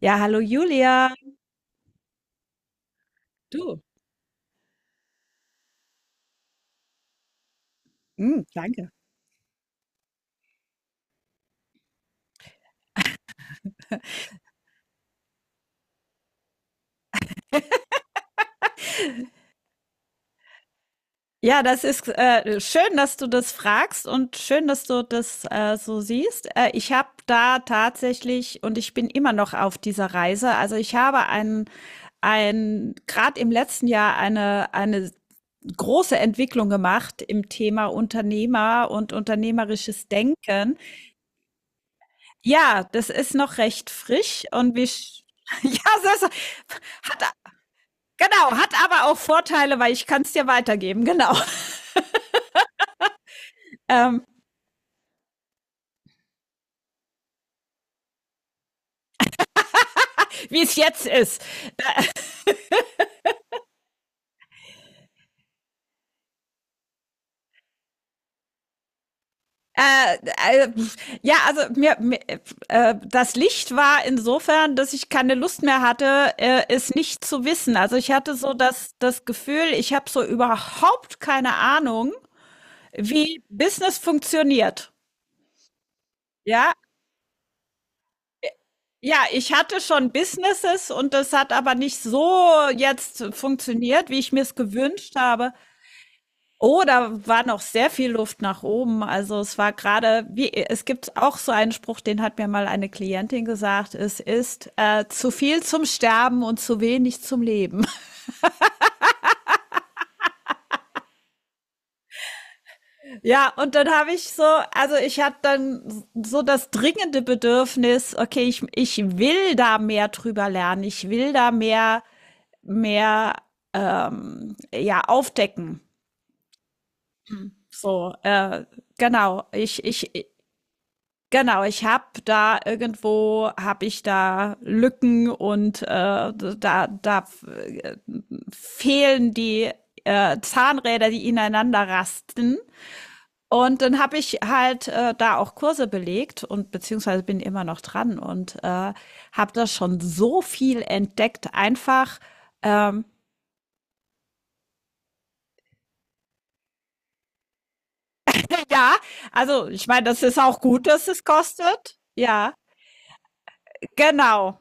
Ja, hallo Julia. Du, mm, danke. Ja, das ist schön, dass du das fragst und schön, dass du das so siehst. Ich habe da tatsächlich und ich bin immer noch auf dieser Reise. Also ich habe ein gerade im letzten Jahr eine große Entwicklung gemacht im Thema Unternehmer und unternehmerisches Denken. Ja, das ist noch recht frisch und wir ja, das hat Genau, hat aber auch Vorteile, weil ich kann es dir weitergeben, genau. Ähm, Wie es jetzt ist. Äh, äh, ja, also mir, mir das Licht war insofern, dass ich keine Lust mehr hatte, es nicht zu wissen. Also ich hatte so das Gefühl, ich habe so überhaupt keine Ahnung, wie Business funktioniert. Ja, ja, ich hatte schon Businesses und das hat aber nicht so jetzt funktioniert, wie ich mir es gewünscht habe. Oh, da war noch sehr viel Luft nach oben. Also es war gerade, wie, es gibt auch so einen Spruch, den hat mir mal eine Klientin gesagt, es ist zu viel zum Sterben und zu wenig zum Leben. Ja, und dann habe ich so, also ich hatte dann so das dringende Bedürfnis, okay, ich will da mehr drüber lernen, ich will da mehr, mehr ja, aufdecken. So, genau. Genau, ich habe da irgendwo habe ich da Lücken und da da äh, fehlen die Zahnräder, die ineinander rasten. Und dann habe ich halt da auch Kurse belegt und beziehungsweise bin immer noch dran und habe da schon so viel entdeckt. Einfach, ähm, ja, also ich meine, das ist auch gut, dass es kostet. Ja, genau.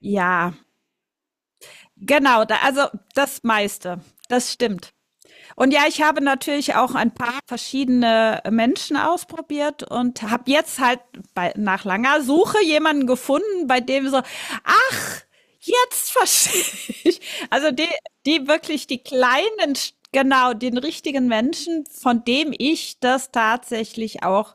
Ja, genau, da, also das meiste. Das stimmt. Und ja, ich habe natürlich auch ein paar verschiedene Menschen ausprobiert und habe jetzt halt bei, nach langer Suche jemanden gefunden, bei dem so, ach, jetzt verstehe ich. Also die wirklich die kleinen st genau, den richtigen Menschen, von dem ich das tatsächlich auch,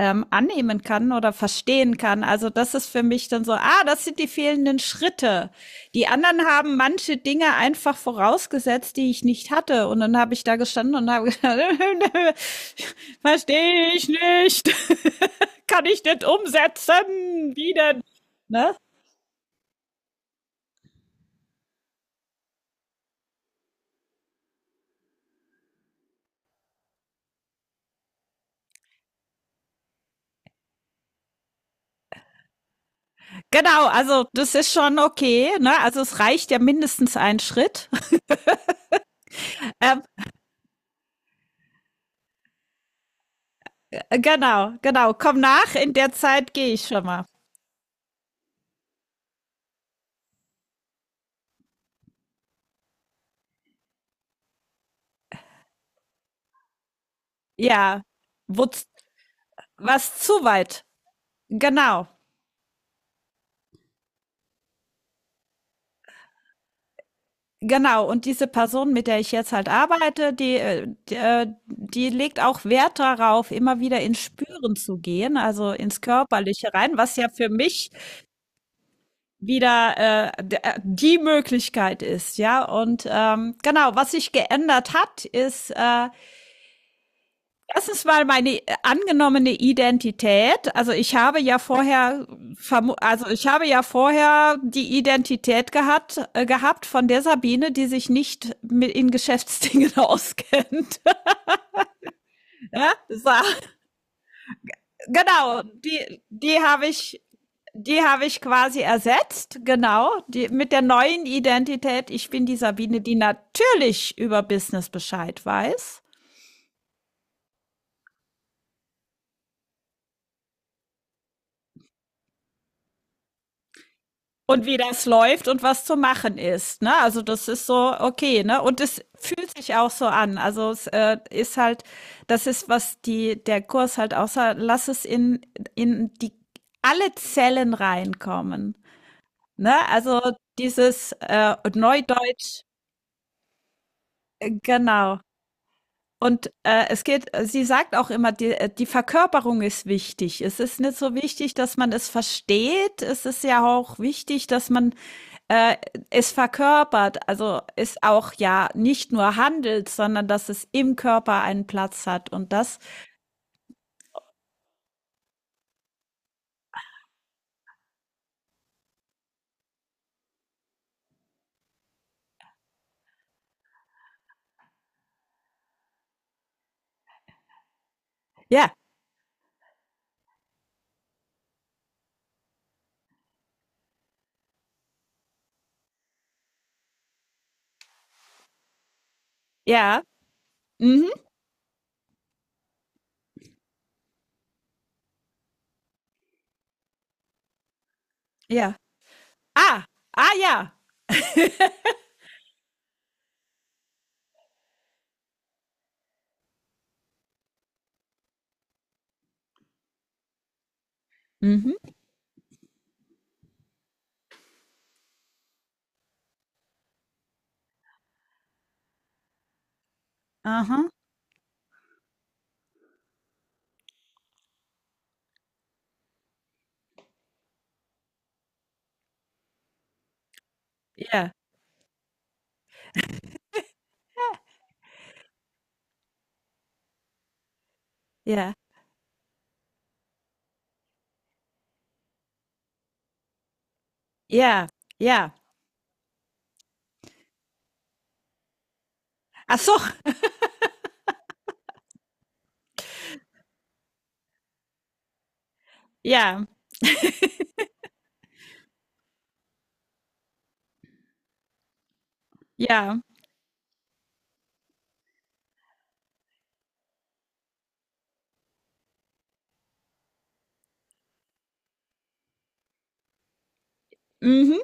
annehmen kann oder verstehen kann. Also das ist für mich dann so, ah, das sind die fehlenden Schritte. Die anderen haben manche Dinge einfach vorausgesetzt, die ich nicht hatte. Und dann habe ich da gestanden und habe gedacht, verstehe ich nicht. Kann ich nicht umsetzen. Wie denn? Ne? Genau, also das ist schon okay, ne? Also es reicht ja mindestens ein Schritt. Ähm, genau, genau. Komm nach, in der Zeit gehe ich schon mal. Ja, wo, was zu weit. Genau, genau. Und diese Person, mit der ich jetzt halt arbeite, die legt auch Wert darauf, immer wieder ins Spüren zu gehen, also ins Körperliche rein, was ja für mich wieder die Möglichkeit ist, ja. Und genau, was sich geändert hat, ist erstens mal meine angenommene Identität. Also ich habe ja vorher, also ich habe ja vorher die Identität gehabt, von der Sabine, die sich nicht mit in Geschäftsdingen auskennt. Ja, so. Genau, die habe ich quasi ersetzt. Genau, die, mit der neuen Identität. Ich bin die Sabine, die natürlich über Business Bescheid weiß. Und wie das läuft und was zu machen ist, ne? Also das ist so okay, ne? Und es fühlt sich auch so an. Also es ist halt, das ist, was der Kurs halt auch sagt, lass es in die alle Zellen reinkommen. Ne? Also dieses Neudeutsch, genau. Und es geht, sie sagt auch immer, die Verkörperung ist wichtig. Es ist nicht so wichtig, dass man es versteht. Es ist ja auch wichtig, dass man äh, es verkörpert, also ist auch ja nicht nur handelt, sondern dass es im Körper einen Platz hat und das, ja, ja, mhm, ja, ah, ah, ja, mhm, aha, ja, ja, ja, ja, ach so, ja, ja, mhm,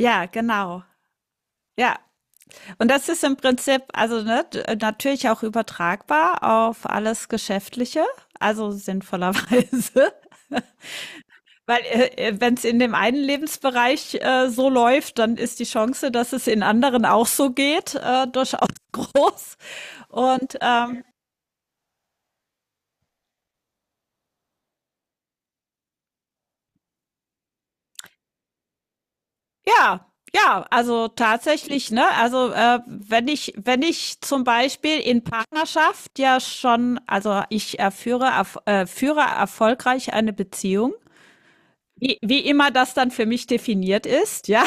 ja, genau, ja. Und das ist im Prinzip, also ne, natürlich auch übertragbar auf alles Geschäftliche, also sinnvollerweise. Weil wenn es in dem einen Lebensbereich so läuft, dann ist die Chance, dass es in anderen auch so geht, durchaus groß. Und ja, ja, also tatsächlich, ne? Also wenn ich zum Beispiel in Partnerschaft ja schon, also ich führe erfolgreich eine Beziehung, wie immer das dann für mich definiert ist, ja,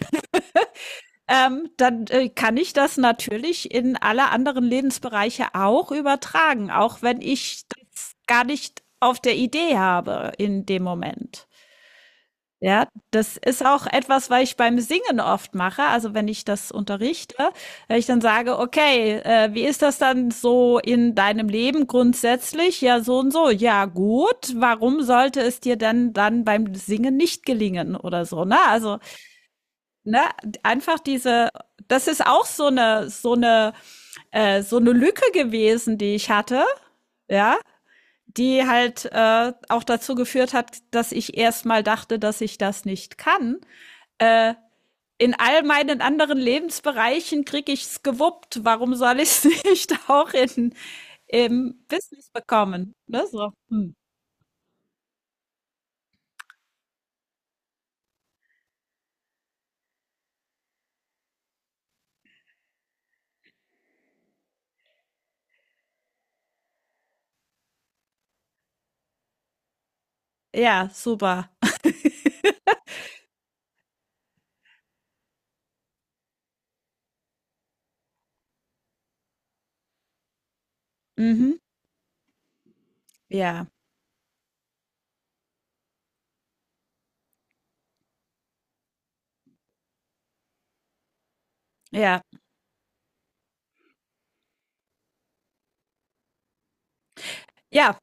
dann kann ich das natürlich in alle anderen Lebensbereiche auch übertragen, auch wenn ich das gar nicht auf der Idee habe in dem Moment. Ja, das ist auch etwas, was ich beim Singen oft mache. Also wenn ich das unterrichte, wenn ich dann sage, okay, wie ist das dann so in deinem Leben grundsätzlich? Ja, so und so. Ja, gut. Warum sollte es dir denn dann beim Singen nicht gelingen oder so? Ne? Also ne, einfach diese, das ist auch so eine, so eine Lücke gewesen, die ich hatte, ja, die halt auch dazu geführt hat, dass ich erstmal dachte, dass ich das nicht kann. In all meinen anderen Lebensbereichen kriege ich's gewuppt. Warum soll ich's nicht auch im Business bekommen? Ne, so. Hm. Ja, super. Mhm. Ja, ja. Ja,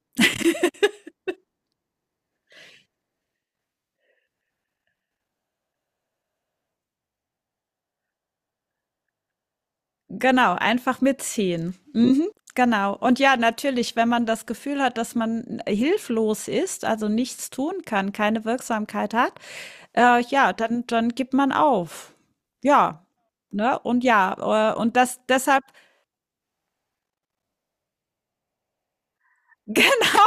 genau, einfach mitziehen. Mhm, genau. Und ja, natürlich, wenn man das Gefühl hat, dass man hilflos ist, also nichts tun kann, keine Wirksamkeit hat, ja, dann gibt man auf. Ja, ne? Und ja, und das deshalb genau,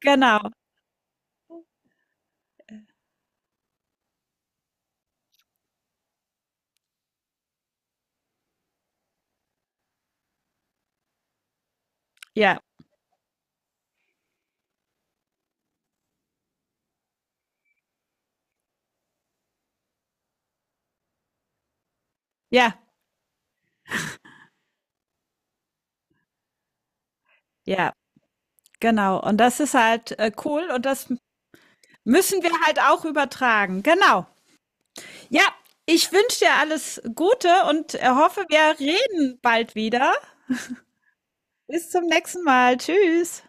genau. Ja, ja, ja, genau. Und das ist halt, cool und das müssen wir halt auch übertragen. Genau. Ja, ich wünsche dir alles Gute und, hoffe, wir reden bald wieder. Bis zum nächsten Mal. Tschüss.